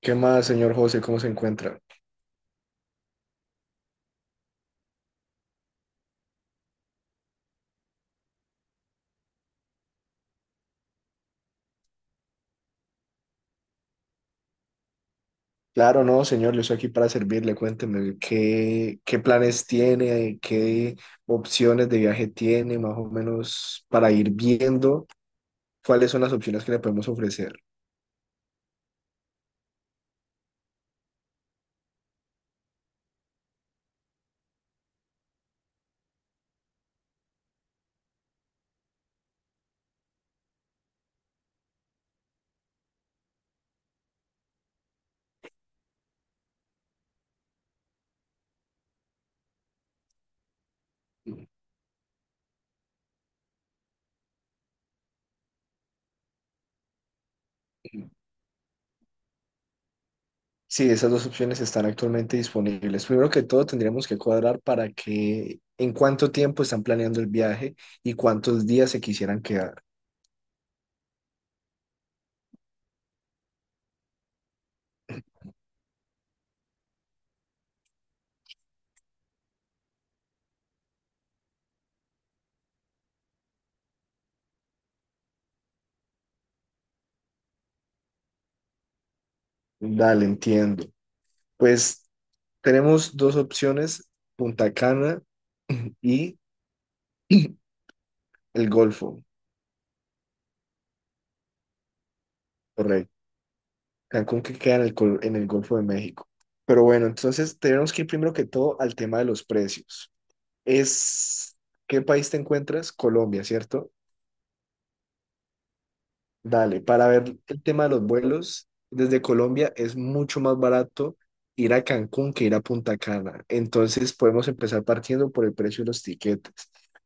¿Qué más, señor José? ¿Cómo se encuentra? Claro, no, señor, yo estoy aquí para servirle. Cuénteme qué planes tiene, qué opciones de viaje tiene, más o menos para ir viendo cuáles son las opciones que le podemos ofrecer. Sí, esas dos opciones están actualmente disponibles. Primero que todo, tendríamos que cuadrar para que en cuánto tiempo están planeando el viaje y cuántos días se quisieran quedar. Dale, entiendo. Pues tenemos dos opciones, Punta Cana y el Golfo. Correcto. Cancún que queda en el Golfo de México. Pero bueno, entonces tenemos que ir primero que todo al tema de los precios. Es, ¿Qué país te encuentras? Colombia, ¿cierto? Dale, para ver el tema de los vuelos, desde Colombia es mucho más barato ir a Cancún que ir a Punta Cana. Entonces podemos empezar partiendo por el precio de los tiquetes.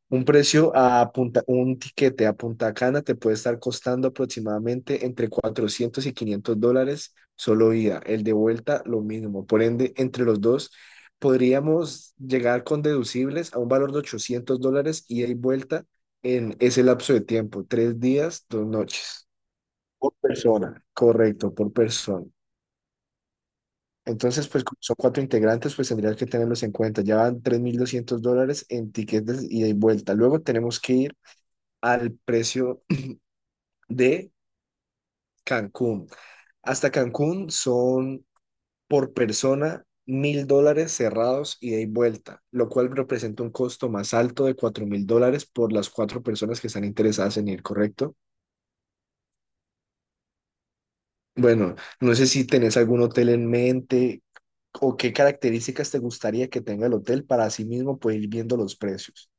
Un tiquete a Punta Cana te puede estar costando aproximadamente entre $400 y $500 solo ida. El de vuelta lo mismo. Por ende, entre los dos podríamos llegar con deducibles a un valor de $800 ida y vuelta en ese lapso de tiempo, 3 días, 2 noches. Por persona, correcto, por persona. Entonces, pues como son cuatro integrantes, pues tendrías que tenerlos en cuenta. Ya van $3,200 en tiquetes ida y vuelta. Luego tenemos que ir al precio de Cancún. Hasta Cancún son por persona $1,000 cerrados ida y vuelta, lo cual representa un costo más alto de $4,000 por las cuatro personas que están interesadas en ir, ¿correcto? Bueno, no sé si tenés algún hotel en mente o qué características te gustaría que tenga el hotel para así mismo pues ir viendo los precios.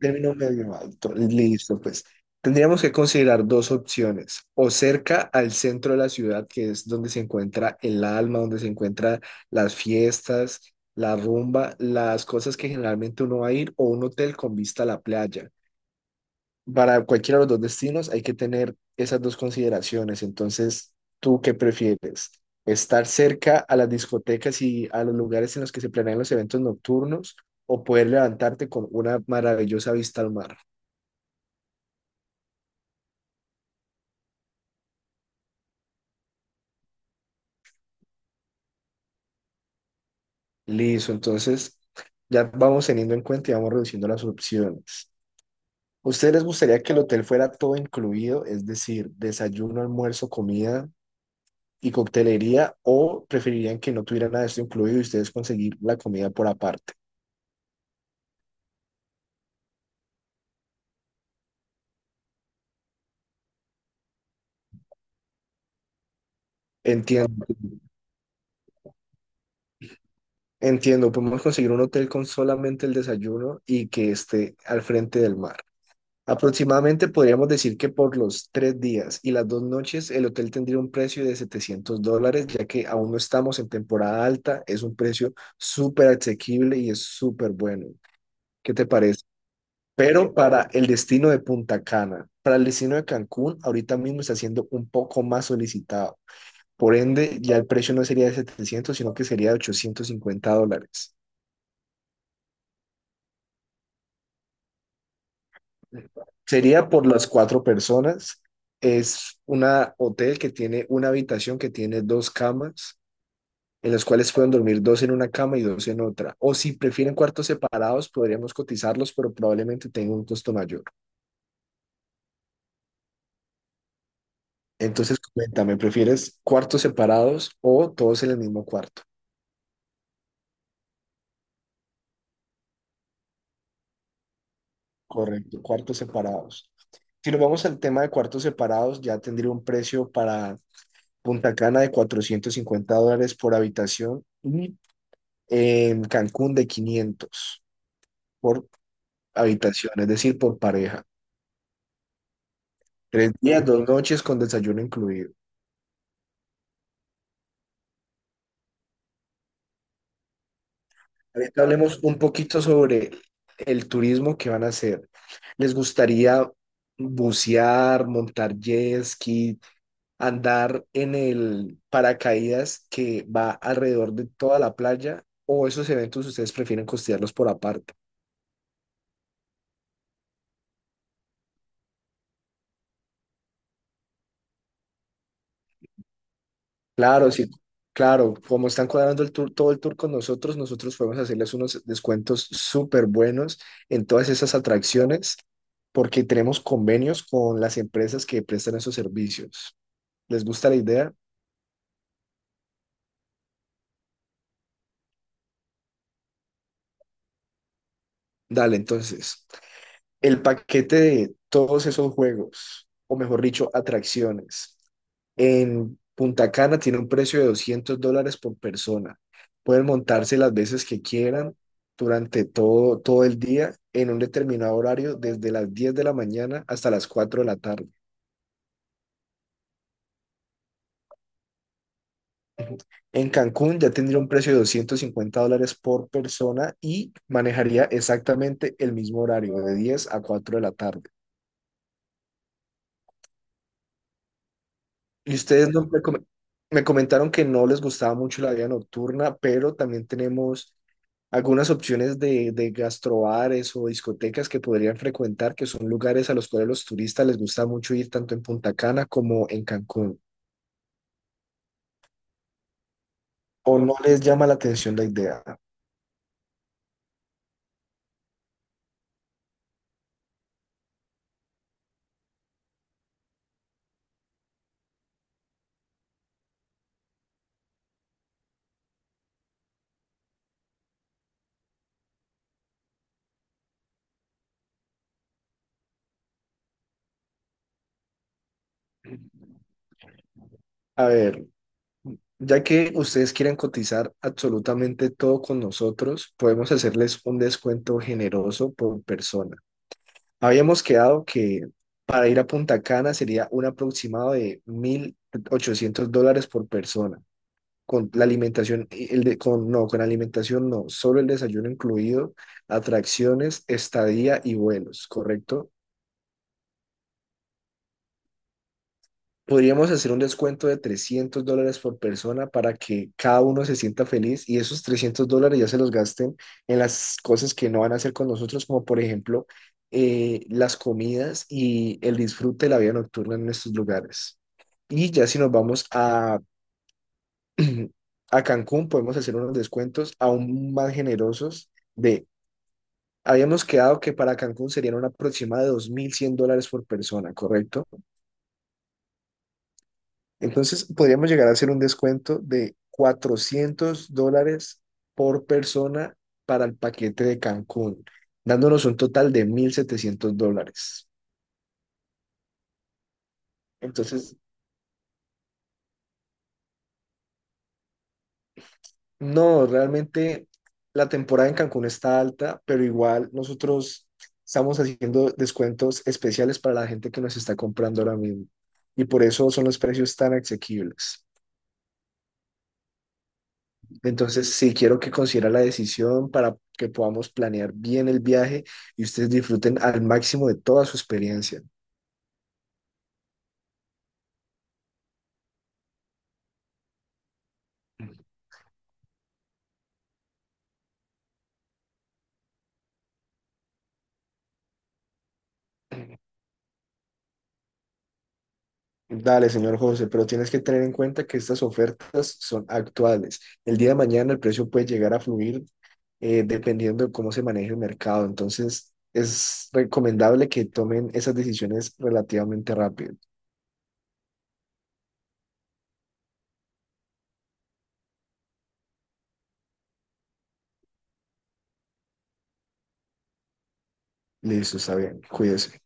Término medio alto, listo, pues tendríamos que considerar dos opciones, o cerca al centro de la ciudad, que es donde se encuentra el alma, donde se encuentran las fiestas, la rumba, las cosas que generalmente uno va a ir, o un hotel con vista a la playa. Para cualquiera de los dos destinos hay que tener esas dos consideraciones. Entonces, ¿tú qué prefieres? ¿Estar cerca a las discotecas y a los lugares en los que se planean los eventos nocturnos o poder levantarte con una maravillosa vista al mar? Listo, entonces ya vamos teniendo en cuenta y vamos reduciendo las opciones. ¿A ¿Ustedes les gustaría que el hotel fuera todo incluido, es decir, desayuno, almuerzo, comida y coctelería, o preferirían que no tuviera nada de esto incluido y ustedes conseguir la comida por aparte? Entiendo Entiendo, podemos conseguir un hotel con solamente el desayuno y que esté al frente del mar. Aproximadamente podríamos decir que por los 3 días y las 2 noches el hotel tendría un precio de $700, ya que aún no estamos en temporada alta, es un precio súper asequible y es súper bueno. ¿Qué te parece? Pero para el destino de Punta Cana, para el destino de Cancún, ahorita mismo está siendo un poco más solicitado. Por ende, ya el precio no sería de 700, sino que sería de $850. Sería por las cuatro personas. Es un hotel que tiene una habitación que tiene dos camas, en las cuales pueden dormir dos en una cama y dos en otra. O si prefieren cuartos separados, podríamos cotizarlos, pero probablemente tenga un costo mayor. Entonces, coméntame, ¿prefieres cuartos separados o todos en el mismo cuarto? Correcto, cuartos separados. Si nos vamos al tema de cuartos separados, ya tendría un precio para Punta Cana de $450 por habitación y en Cancún de 500 por habitación, es decir, por pareja. 3 días, dos noches con desayuno incluido. Ahorita hablemos un poquito sobre el turismo que van a hacer. ¿Les gustaría bucear, montar jet ski, andar en el paracaídas que va alrededor de toda la playa? ¿O esos eventos ustedes prefieren costearlos por aparte? Claro, sí, claro, como están cuadrando el tour, todo el tour con nosotros, nosotros podemos hacerles unos descuentos súper buenos en todas esas atracciones porque tenemos convenios con las empresas que prestan esos servicios. ¿Les gusta la idea? Dale, entonces. El paquete de todos esos juegos, o mejor dicho, atracciones, en Punta Cana tiene un precio de $200 por persona. Pueden montarse las veces que quieran durante todo, todo el día en un determinado horario, desde las 10 de la mañana hasta las 4 de la tarde. En Cancún ya tendría un precio de $250 por persona y manejaría exactamente el mismo horario, de 10 a 4 de la tarde. Y ustedes no me, come- me comentaron que no les gustaba mucho la vida nocturna, pero también tenemos algunas opciones de gastrobares o discotecas que podrían frecuentar, que son lugares a los cuales los turistas les gusta mucho ir tanto en Punta Cana como en Cancún. ¿O no les llama la atención la idea? A ver, ya que ustedes quieren cotizar absolutamente todo con nosotros, podemos hacerles un descuento generoso por persona. Habíamos quedado que para ir a Punta Cana sería un aproximado de $1,800 por persona, con la alimentación, y el de, con, no, con alimentación no, solo el desayuno incluido, atracciones, estadía y vuelos, ¿correcto? Podríamos hacer un descuento de $300 por persona para que cada uno se sienta feliz y esos $300 ya se los gasten en las cosas que no van a hacer con nosotros, como por ejemplo las comidas y el disfrute de la vida nocturna en estos lugares. Y ya si nos vamos a, a Cancún, podemos hacer unos descuentos aún más generosos habíamos quedado que para Cancún serían un aproximado de $2,100 por persona, ¿correcto? Entonces, podríamos llegar a hacer un descuento de $400 por persona para el paquete de Cancún, dándonos un total de $1,700. Entonces, no, realmente la temporada en Cancún está alta, pero igual nosotros estamos haciendo descuentos especiales para la gente que nos está comprando ahora mismo. Y por eso son los precios tan asequibles. Entonces, sí quiero que considera la decisión para que podamos planear bien el viaje y ustedes disfruten al máximo de toda su experiencia. Dale, señor José, pero tienes que tener en cuenta que estas ofertas son actuales. El día de mañana el precio puede llegar a fluir dependiendo de cómo se maneje el mercado. Entonces, es recomendable que tomen esas decisiones relativamente rápido. Listo, está bien. Cuídese.